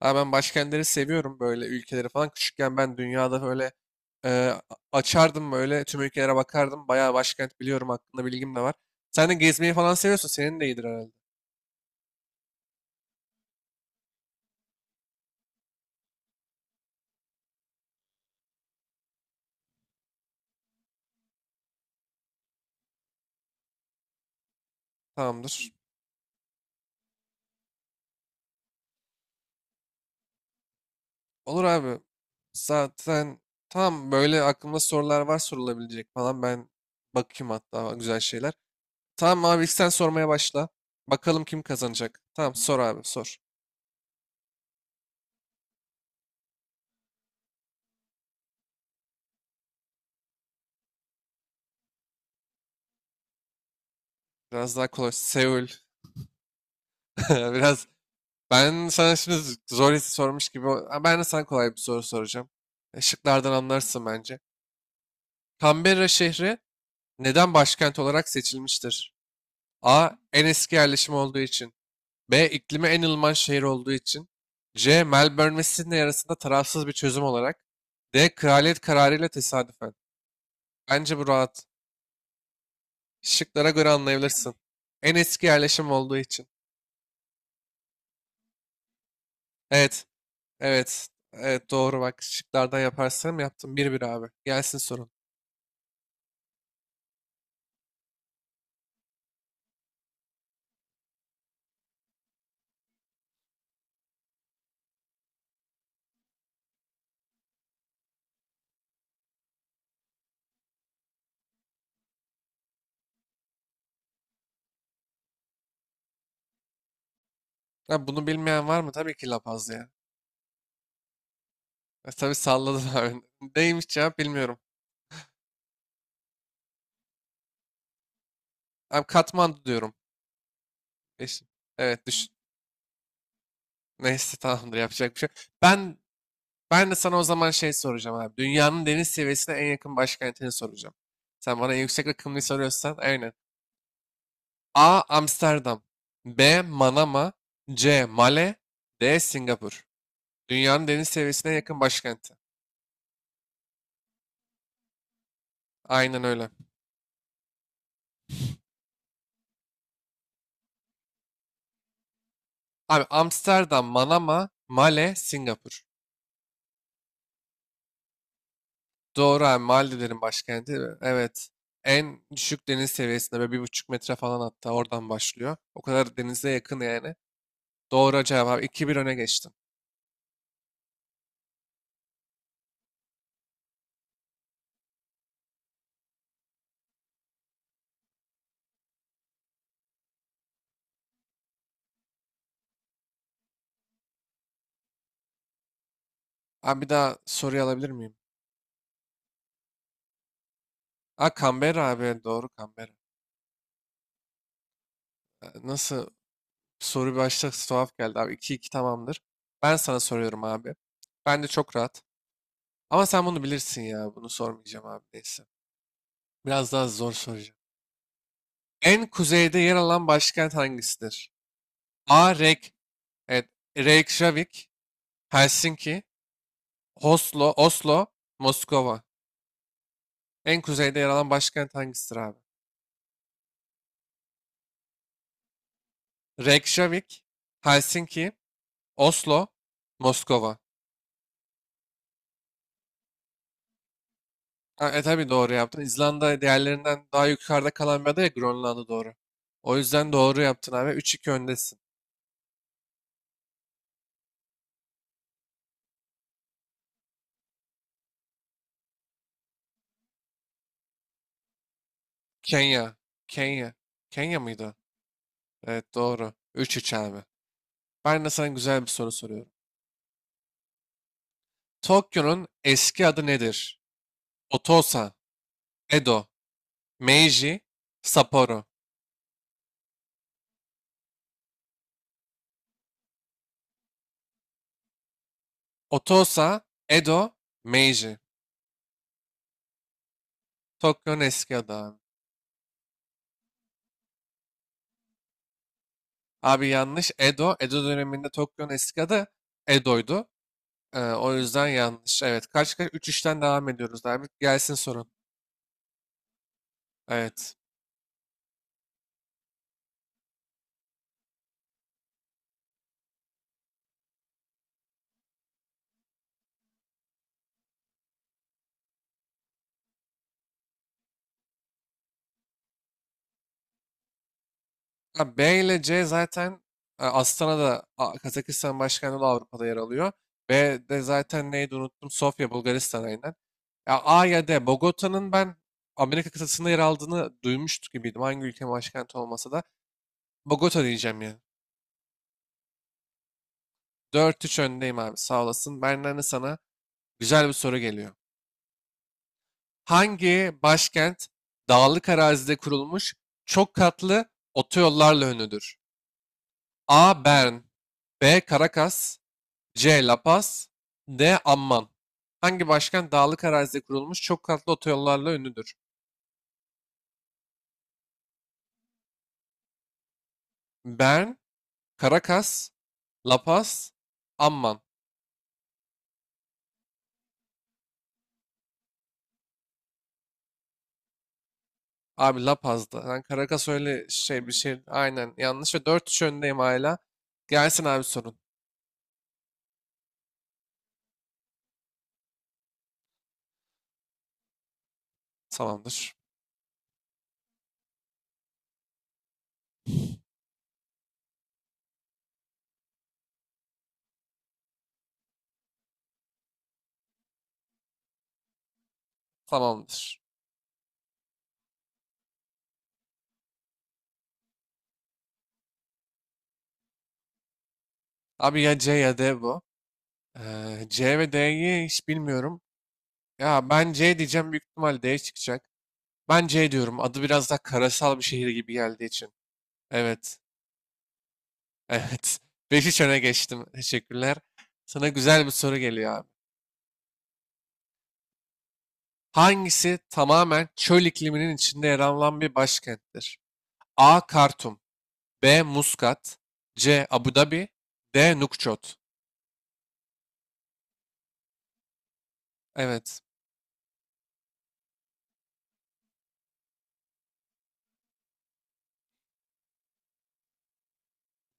Abi ben başkentleri seviyorum böyle ülkeleri falan. Küçükken ben dünyada böyle e, açardım böyle tüm ülkelere bakardım. Bayağı başkent biliyorum, hakkında bilgim de var. Sen de gezmeyi falan seviyorsun. Senin de iyidir herhalde. Tamamdır. Olur abi. Zaten tam böyle aklımda sorular var sorulabilecek falan. Ben bakayım hatta güzel şeyler. Tamam abi, ilk sen sormaya başla. Bakalım kim kazanacak. Tamam sor abi sor. Biraz daha kolay. Seul. Biraz ben sana şimdi zor his sormuş gibi. Ha, ben de sana kolay bir soru soracağım. Şıklardan anlarsın bence. Canberra şehri neden başkent olarak seçilmiştir? A. En eski yerleşim olduğu için. B. İklimi en ılıman şehir olduğu için. C. Melbourne ve Sydney arasında tarafsız bir çözüm olarak. D. Kraliyet kararıyla tesadüfen. Bence bu rahat. Şıklara göre anlayabilirsin. En eski yerleşim olduğu için. Evet. Evet. Evet doğru bak. Şıklardan yaparsam yaptım. 1-1 abi. Gelsin sorun. Ha, bunu bilmeyen var mı? Tabii ki La Paz ya. Tabii salladı daha Neymiş cevap bilmiyorum. Abi Katmandu diyorum. Eş- Evet düş. Neyse tamamdır, yapacak bir şey yok. Ben ben de sana o zaman şey soracağım abi. Dünyanın deniz seviyesine en yakın başkentini soracağım. Sen bana en yüksek rakımını soruyorsan, aynen. A. Amsterdam. B. Manama. C. Male. D. Singapur. Dünyanın deniz seviyesine en yakın başkenti. Aynen öyle. Abi Amsterdam, Manama, Male, Singapur. Doğru abi, Maldivlerin başkenti. Ve evet. En düşük deniz seviyesinde böyle 1,5 metre falan, hatta oradan başlıyor. O kadar denize yakın yani. Doğru cevap abi. 2-1 öne geçtin. Abi bir daha soruyu alabilir miyim? Ha, Canberra abi. Doğru, Canberra. Nasıl, soru başta tuhaf geldi abi. 2-2, tamamdır. Ben sana soruyorum abi. Ben de çok rahat. Ama sen bunu bilirsin ya. Bunu sormayacağım abi, neyse. Biraz daha zor soracağım. En kuzeyde yer alan başkent hangisidir? A. Reyk. Evet. Reykjavik. Helsinki, Oslo, Oslo, Moskova. En kuzeyde yer alan başkent hangisidir abi? Reykjavik, Helsinki, Oslo, Moskova. Ha, e tabii doğru yaptın. İzlanda diğerlerinden daha yukarıda kalan bir ada ya, Grönland'a doğru. O yüzden doğru yaptın abi. 3-2 öndesin. Kenya. Kenya. Kenya mıydı? Evet, doğru. 3-3 abi. Ben de sana güzel bir soru soruyorum. Tokyo'nun eski adı nedir? Otosa, Edo, Meiji, Sapporo. Otosa, Edo, Meiji. Tokyo'nun eski adı abi. Abi, yanlış. Edo. Edo döneminde Tokyo'nun eski adı Edo'ydu. O yüzden yanlış. Evet. Kaç kaç? 3'ten devam ediyoruz abi. Gelsin sorun. Evet. Ha, B ile C zaten, Astana'da, Kazakistan başkenti olan, Avrupa'da yer alıyor. B de zaten neydi, unuttum. Sofya, Bulgaristan'a inen. Ya A ya D. Bogota'nın ben Amerika kıtasında yer aldığını duymuştuk gibiydim. Hangi ülkenin başkenti olmasa da. Bogota diyeceğim ya. Dört üç öndeyim abi, sağ olasın. Benden de sana güzel bir soru geliyor. Hangi başkent dağlık arazide kurulmuş çok katlı otoyollarla ünlüdür? A. Bern. B. Caracas. C. La Paz. D. Amman. Hangi başkent dağlık arazide kurulmuş çok katlı otoyollarla ünlüdür? Bern, Caracas, La Paz, Amman. Abi La Paz'da. Ben Caracas öyle şey, bir şey. Aynen yanlış ve dört üç öndeyim hala. Gelsin abi sorun. Tamamdır. Tamamdır. Abi ya C ya D bu. C ve D'yi hiç bilmiyorum. Ya ben C diyeceğim, büyük ihtimal D çıkacak. Ben C diyorum. Adı biraz daha karasal bir şehir gibi geldiği için. Evet. Evet. 5-3 öne geçtim. Teşekkürler. Sana güzel bir soru geliyor abi. Hangisi tamamen çöl ikliminin içinde yer alan bir başkenttir? A. Kartum. B. Muskat. C. Abu Dhabi. D. Nukçot. Evet.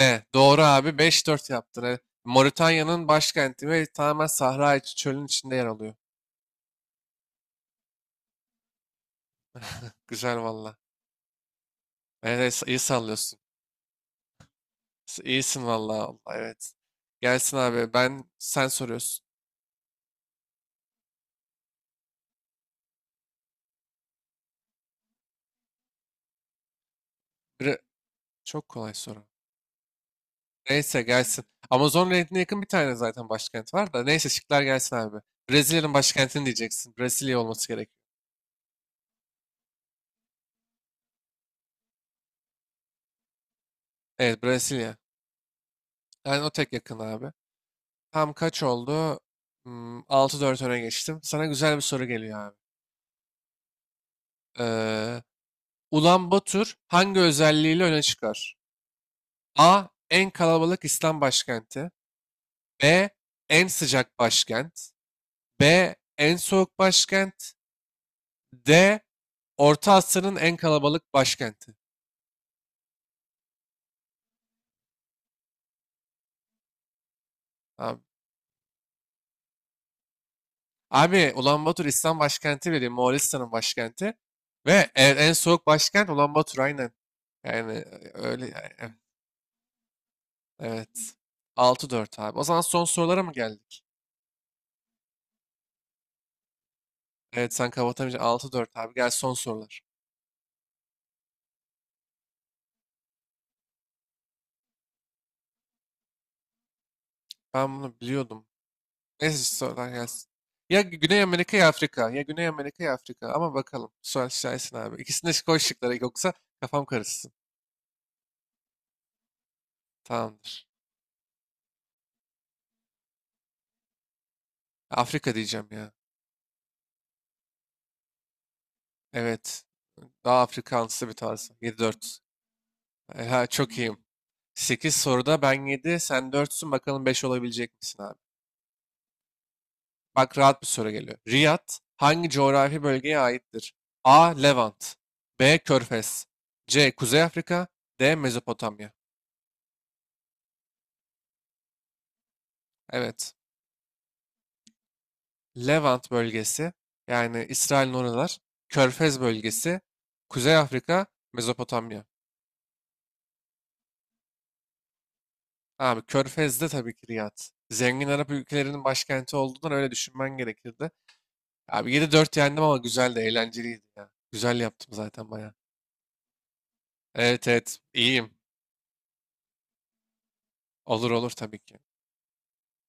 Ve doğru abi, 5-4 yaptın. Evet. Moritanya'nın başkenti ve tamamen sahra içi çölün içinde yer alıyor. Güzel valla. Evet, evet, iyi sallıyorsun. İyisin valla. Valla, evet. Gelsin abi. Ben sen soruyorsun. Biri çok kolay soru. Neyse gelsin. Amazon Nehri'ne yakın bir tane zaten başkent var da. Neyse şıklar gelsin abi. Brezilya'nın başkentini diyeceksin. Brezilya olması gerekiyor. Evet, Brezilya. Yani o tek yakın abi. Tam kaç oldu? Hmm, 6-4 öne geçtim. Sana güzel bir soru geliyor abi. Ee, Ulanbatur hangi özelliğiyle öne çıkar? A. En kalabalık İslam başkenti. B. En sıcak başkent. B. En soğuk başkent. D. Orta Asya'nın en kalabalık başkenti. Abi, abi, Ulanbator İslam başkenti bile değil, Moğolistan'ın başkenti. Ve en soğuk başkent Ulanbator, aynen. Yani öyle yani, evet. 6-4 abi. O zaman son sorulara mı geldik? Evet, sen kapatamayacaksın. 6-4 abi. Gel son sorular. Ben bunu biliyordum. Neyse sorular gelsin. Ya Güney Amerika ya Afrika. Ya Güney Amerika ya Afrika. Ama bakalım. Sual şahisin abi. İkisini de koy şıklara. Yoksa kafam karışsın. Tamamdır. Afrika diyeceğim ya. Evet. Daha Afrikansı bir tarz. 7-4. Ha, çok iyiyim. Sekiz soruda ben 7 sen 4'sün. Bakalım 5 olabilecek misin abi? Bak, rahat bir soru geliyor. Riyad hangi coğrafi bölgeye aittir? A. Levant. B. Körfez. C. Kuzey Afrika. D. Mezopotamya. Evet. Levant bölgesi, yani İsrail'in oralar, Körfez bölgesi, Kuzey Afrika, Mezopotamya. Abi Körfez'de tabii ki Riyad. Zengin Arap ülkelerinin başkenti olduğundan öyle düşünmen gerekirdi. Abi, yedi dört yendim, ama güzel de eğlenceliydi ya. Güzel yaptım zaten bayağı. Evet evet iyiyim. Olur olur tabii ki.